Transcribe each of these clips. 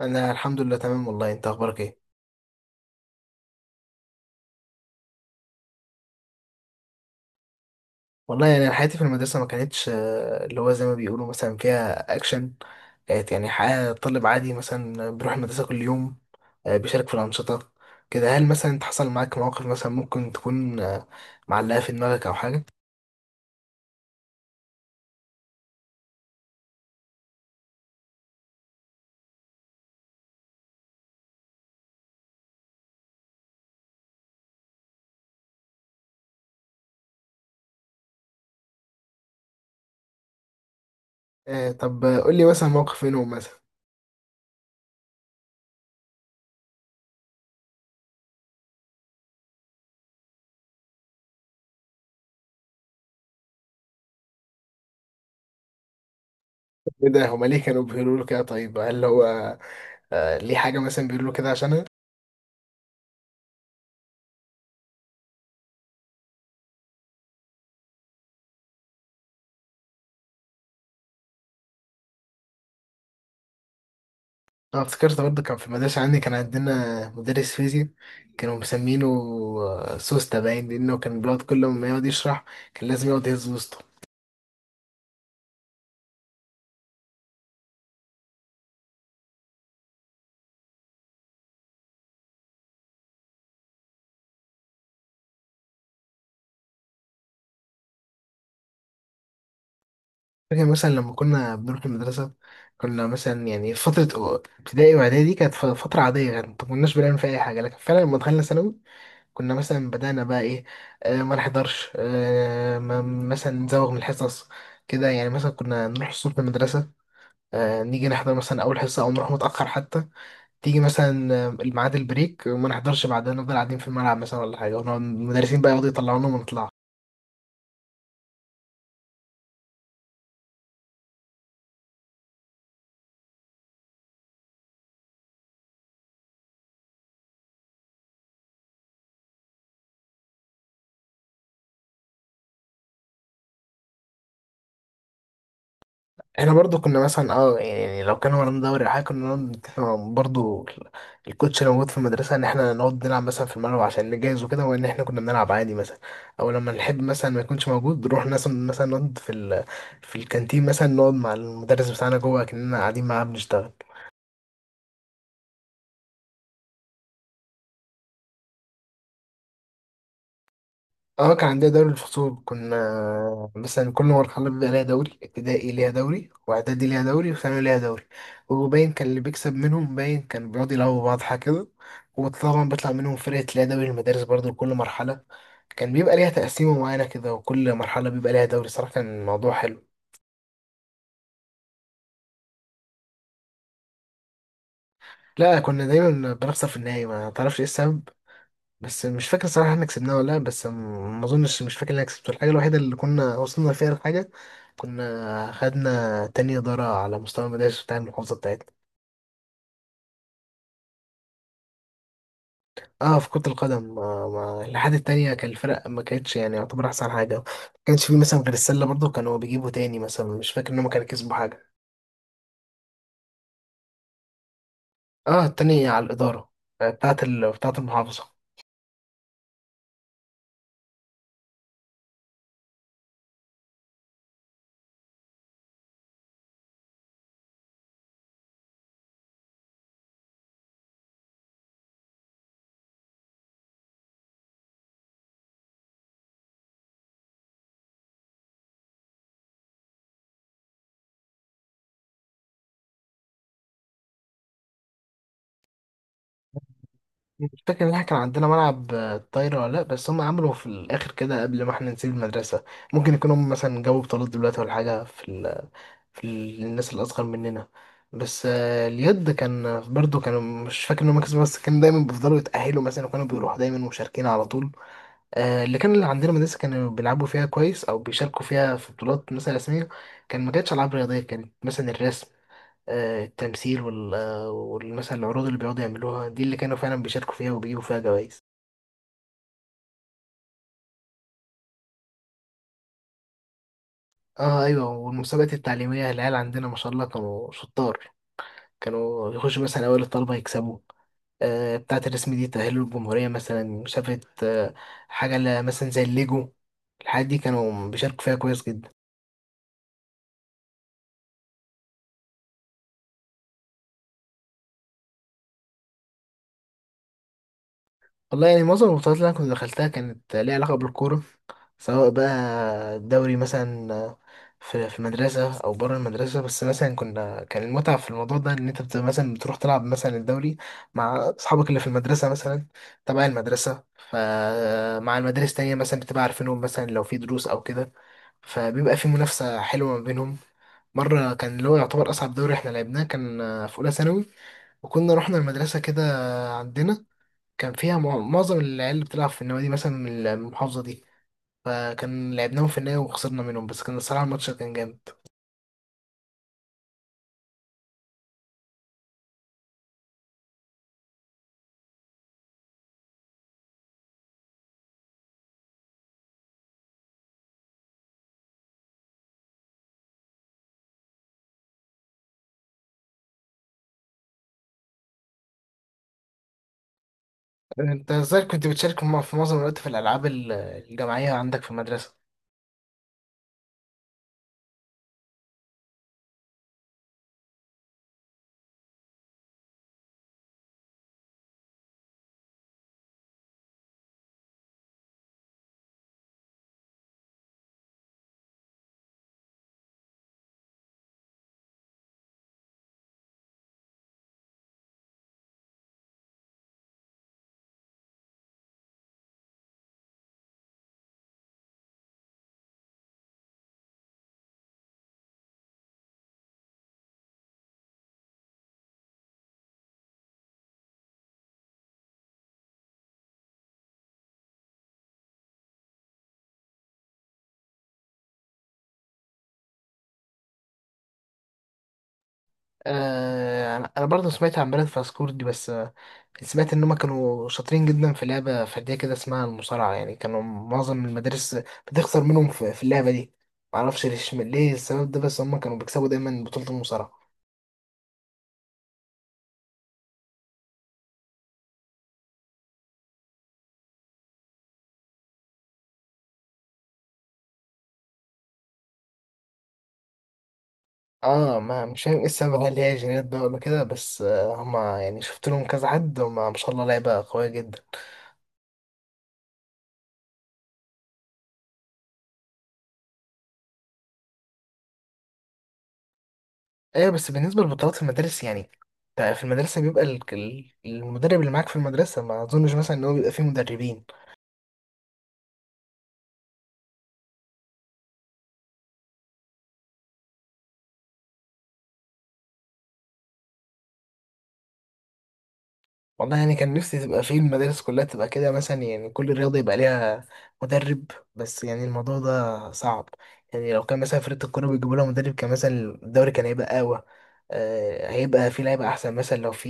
انا الحمد لله تمام. والله انت اخبارك ايه؟ والله يعني أنا حياتي في المدرسه ما كانتش، اللي هو زي ما بيقولوا مثلا فيها اكشن. كانت يعني حياه طالب عادي مثلا بيروح المدرسه كل يوم. بيشارك في الانشطه. كده هل مثلا انت حصل معاك مواقف مثلا ممكن تكون معلقه في دماغك او حاجه؟ طب قول لي مثلا موقف منهم مثلا. ايه ده، هما ليه كانوا بيقولوا له كده؟ طيب هل هو ليه حاجه مثلا بيقولوا له كده عشانها؟ أنا افتكرت برضه كان في المدرسة عندي كان عندنا مدرس فيزياء كانوا مسمينه سوسته باين، لأنه كان بيقعد كل ما يقعد يشرح كان لازم يقعد يهز وسطه. فاكر مثلا لما كنا بنروح المدرسة، كنا مثلا يعني فترة ابتدائي وإعدادي كانت فترة عادية، يعني ما كناش بنعمل فيها أي حاجة، لكن فعلا لما دخلنا ثانوي كنا مثلا بدأنا بقى إيه، ما نحضرش، ما مثلا نزوغ من الحصص. كده يعني مثلا كنا نروح الصبح المدرسة، نيجي نحضر مثلا أول حصة أو نروح متأخر حتى. تيجي مثلا الميعاد البريك وما نحضرش بعدها، نفضل قاعدين في الملعب مثلا ولا حاجه، ونقعد المدرسين بقى يقعدوا يطلعونا وما نطلعش. احنا برضو كنا مثلا يعني لو كان ورانا دوري او حاجه، كنا نقعد نتفق برضو الكوتش اللي موجود في المدرسه، ان احنا نقعد نلعب مثلا في الملعب عشان نجهز وكده، وان احنا كنا بنلعب عادي مثلا. او لما نحب مثلا ما يكونش موجود، نروح مثلا نقعد في في الكانتين مثلا، نقعد مع المدرس بتاعنا جوه كأننا قاعدين معاه بنشتغل. اه كان عندنا دوري الفصول، كنا مثلا كل مرحلة بيبقى ليها دوري، ابتدائي ليها دوري واعدادي ليها دوري وثانوي ليها دوري. وباين كان اللي بيكسب منهم باين كان بيقعد يلعبوا بعض حاجة كده. وطبعا بيطلع منهم فرقة ليها دوري المدارس برضو لكل مرحلة. كان بيبقى ليها تقسيمة معينة كده، وكل مرحلة بيبقى ليها دوري. صراحة كان الموضوع حلو. لا، كنا دايما بنخسر في النهاية، ما تعرفش ايه السبب. بس مش فاكر صراحة احنا كسبناه ولا لا، بس ما اظنش، مش فاكر ان انا كسبته. الحاجة الوحيدة اللي كنا وصلنا فيها لحاجة، كنا خدنا تاني إدارة على مستوى المدارس بتاع المحافظة بتاعتنا. اه في كرة القدم، ما الاتحاد التانية كان، الفرق ما كانتش يعني يعتبر أحسن حاجة، ما كانش فيه مثلا غير السلة برضه كانوا بيجيبوا تاني مثلا، مش فاكر إن هما كانوا كسبوا حاجة. اه التانية على الإدارة، بتاعت بتاعت المحافظة. مش فاكر ان احنا كان عندنا ملعب طايرة ولا لا، بس هم عملوا في الاخر كده قبل ما احنا نسيب المدرسة. ممكن يكونوا هم مثلا جابوا بطولات دلوقتي ولا حاجة في في الناس الاصغر مننا. بس اليد كان برضو كانوا، مش فاكر ان هم كسبوا، بس كانوا دايما بيفضلوا يتأهلوا مثلا وكانوا بيروحوا دايما مشاركين على طول. اللي عندنا مدرسة كانوا بيلعبوا فيها كويس او بيشاركوا فيها في بطولات مثلا رسمية، كان ما كانتش العاب رياضية، كانت مثلا الرسم، التمثيل مثلا العروض اللي بيقعدوا يعملوها دي، اللي كانوا فعلا بيشاركوا فيها وبيجيبوا فيها جوائز. اه ايوه، والمسابقات التعليميه العيال عندنا ما شاء الله كانوا شطار، كانوا يخشوا مثلا اوائل الطلبه يكسبوا. بتاعة الرسم دي تأهلوا الجمهورية مثلا، مسابقة حاجة مثلا زي الليجو، الحاجات دي كانوا بيشاركوا فيها كويس جدا. والله يعني معظم البطولات اللي انا كنت دخلتها كانت ليها علاقه بالكوره، سواء بقى دوري مثلا في المدرسه او بره المدرسه. بس مثلا كنا كان المتعه في الموضوع ده ان انت مثلا بتروح تلعب مثلا الدوري مع اصحابك اللي في المدرسه مثلا، تبع المدرسه، فمع المدارس تانية مثلا بتبقى عارفينهم مثلا لو في دروس او كده، فبيبقى في منافسه حلوه ما بينهم. مرة كان اللي هو يعتبر أصعب دوري احنا لعبناه كان في أولى ثانوي، وكنا رحنا المدرسة كده عندنا، كان فيها معظم العيال اللي بتلعب في النوادي مثلا من المحافظة دي، فكان لعبناهم في النهاية وخسرنا منهم، بس كان الصراحة الماتش كان جامد. انت ازاي كنت بتشارك في معظم الوقت في الألعاب الجماعية عندك في المدرسة؟ أنا برضه سمعت عن بلد فاسكور دي، بس سمعت ان هم كانوا شاطرين جدا في لعبة فردية كده اسمها المصارعة، يعني كانوا معظم المدارس بتخسر منهم في اللعبة دي. معرفش ليه السبب ده، بس هم كانوا بيكسبوا دايما بطولة المصارعة. اه، ما مش فاهم ايه السبب، هل هي جينات بقى ولا كده؟ بس هما يعني شفت لهم كذا حد، هما ما شاء الله لعيبة قوية جدا. ايوه بس بالنسبة للبطولات في المدارس، يعني انت في المدرسة بيبقى المدرب اللي معاك في المدرسة، ما اظنش مثلا ان هو بيبقى فيه مدربين. والله يعني كان نفسي تبقى في المدارس كلها تبقى كده مثلا، يعني كل رياضة يبقى ليها مدرب، بس يعني الموضوع ده صعب. يعني لو كان مثلا فرقة الكورة بيجيبوا لها مدرب، كان مثلا الدوري كان هيبقى أقوى، هيبقى في لعيبة أحسن. مثلا لو في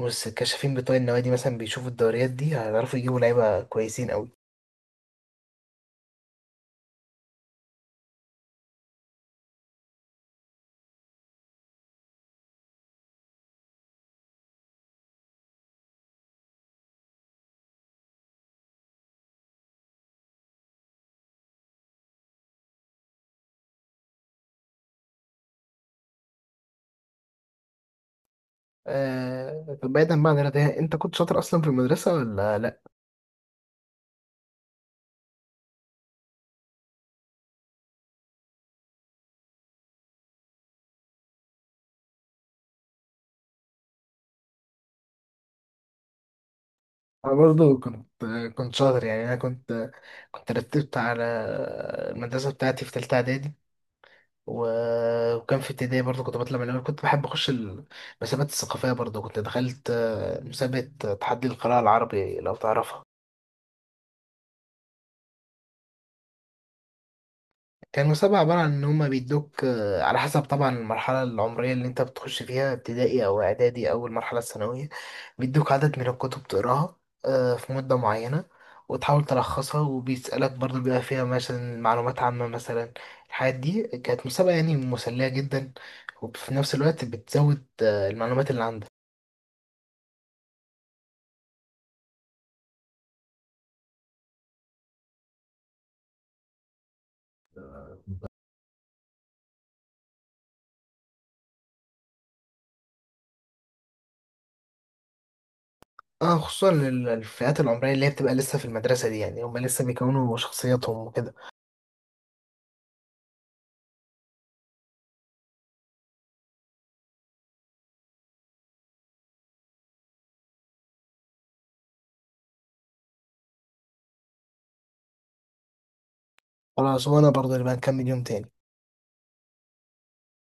الكشافين بتوع النوادي مثلا بيشوفوا الدوريات دي، هيعرفوا يجيبوا لعيبة كويسين أوي. طب بعيدا بقى عن الرياضة، يعني أنت كنت شاطر أصلا في المدرسة ولا لأ؟ أنا برضه كنت شاطر، يعني أنا كنت رتبت على المدرسة بتاعتي في تالتة إعدادي، وكان في ابتدائي برضه كنت بطلع من الأول. كنت بحب أخش المسابقات الثقافية، برضه كنت دخلت مسابقة تحدي القراءة العربي، لو تعرفها. كان مسابقة عبارة عن إن هما بيدوك على حسب طبعا المرحلة العمرية اللي أنت بتخش فيها، ابتدائي أو إعدادي أو المرحلة الثانوية، بيدوك عدد من الكتب تقراها في مدة معينة، وتحاول تلخصها، وبيسألك برضه بيبقى فيها مثلا معلومات عامة مثلا. الحاجات دي كانت مسابقة يعني مسلية جدا، وفي نفس الوقت بتزود المعلومات اللي عندك. اه، خصوصا الفئات العمريه اللي هي بتبقى لسه في المدرسه دي، يعني هم لسه بيكونوا شخصيتهم وكده. خلاص، وانا برضه اللي بقى نكمل يوم تاني.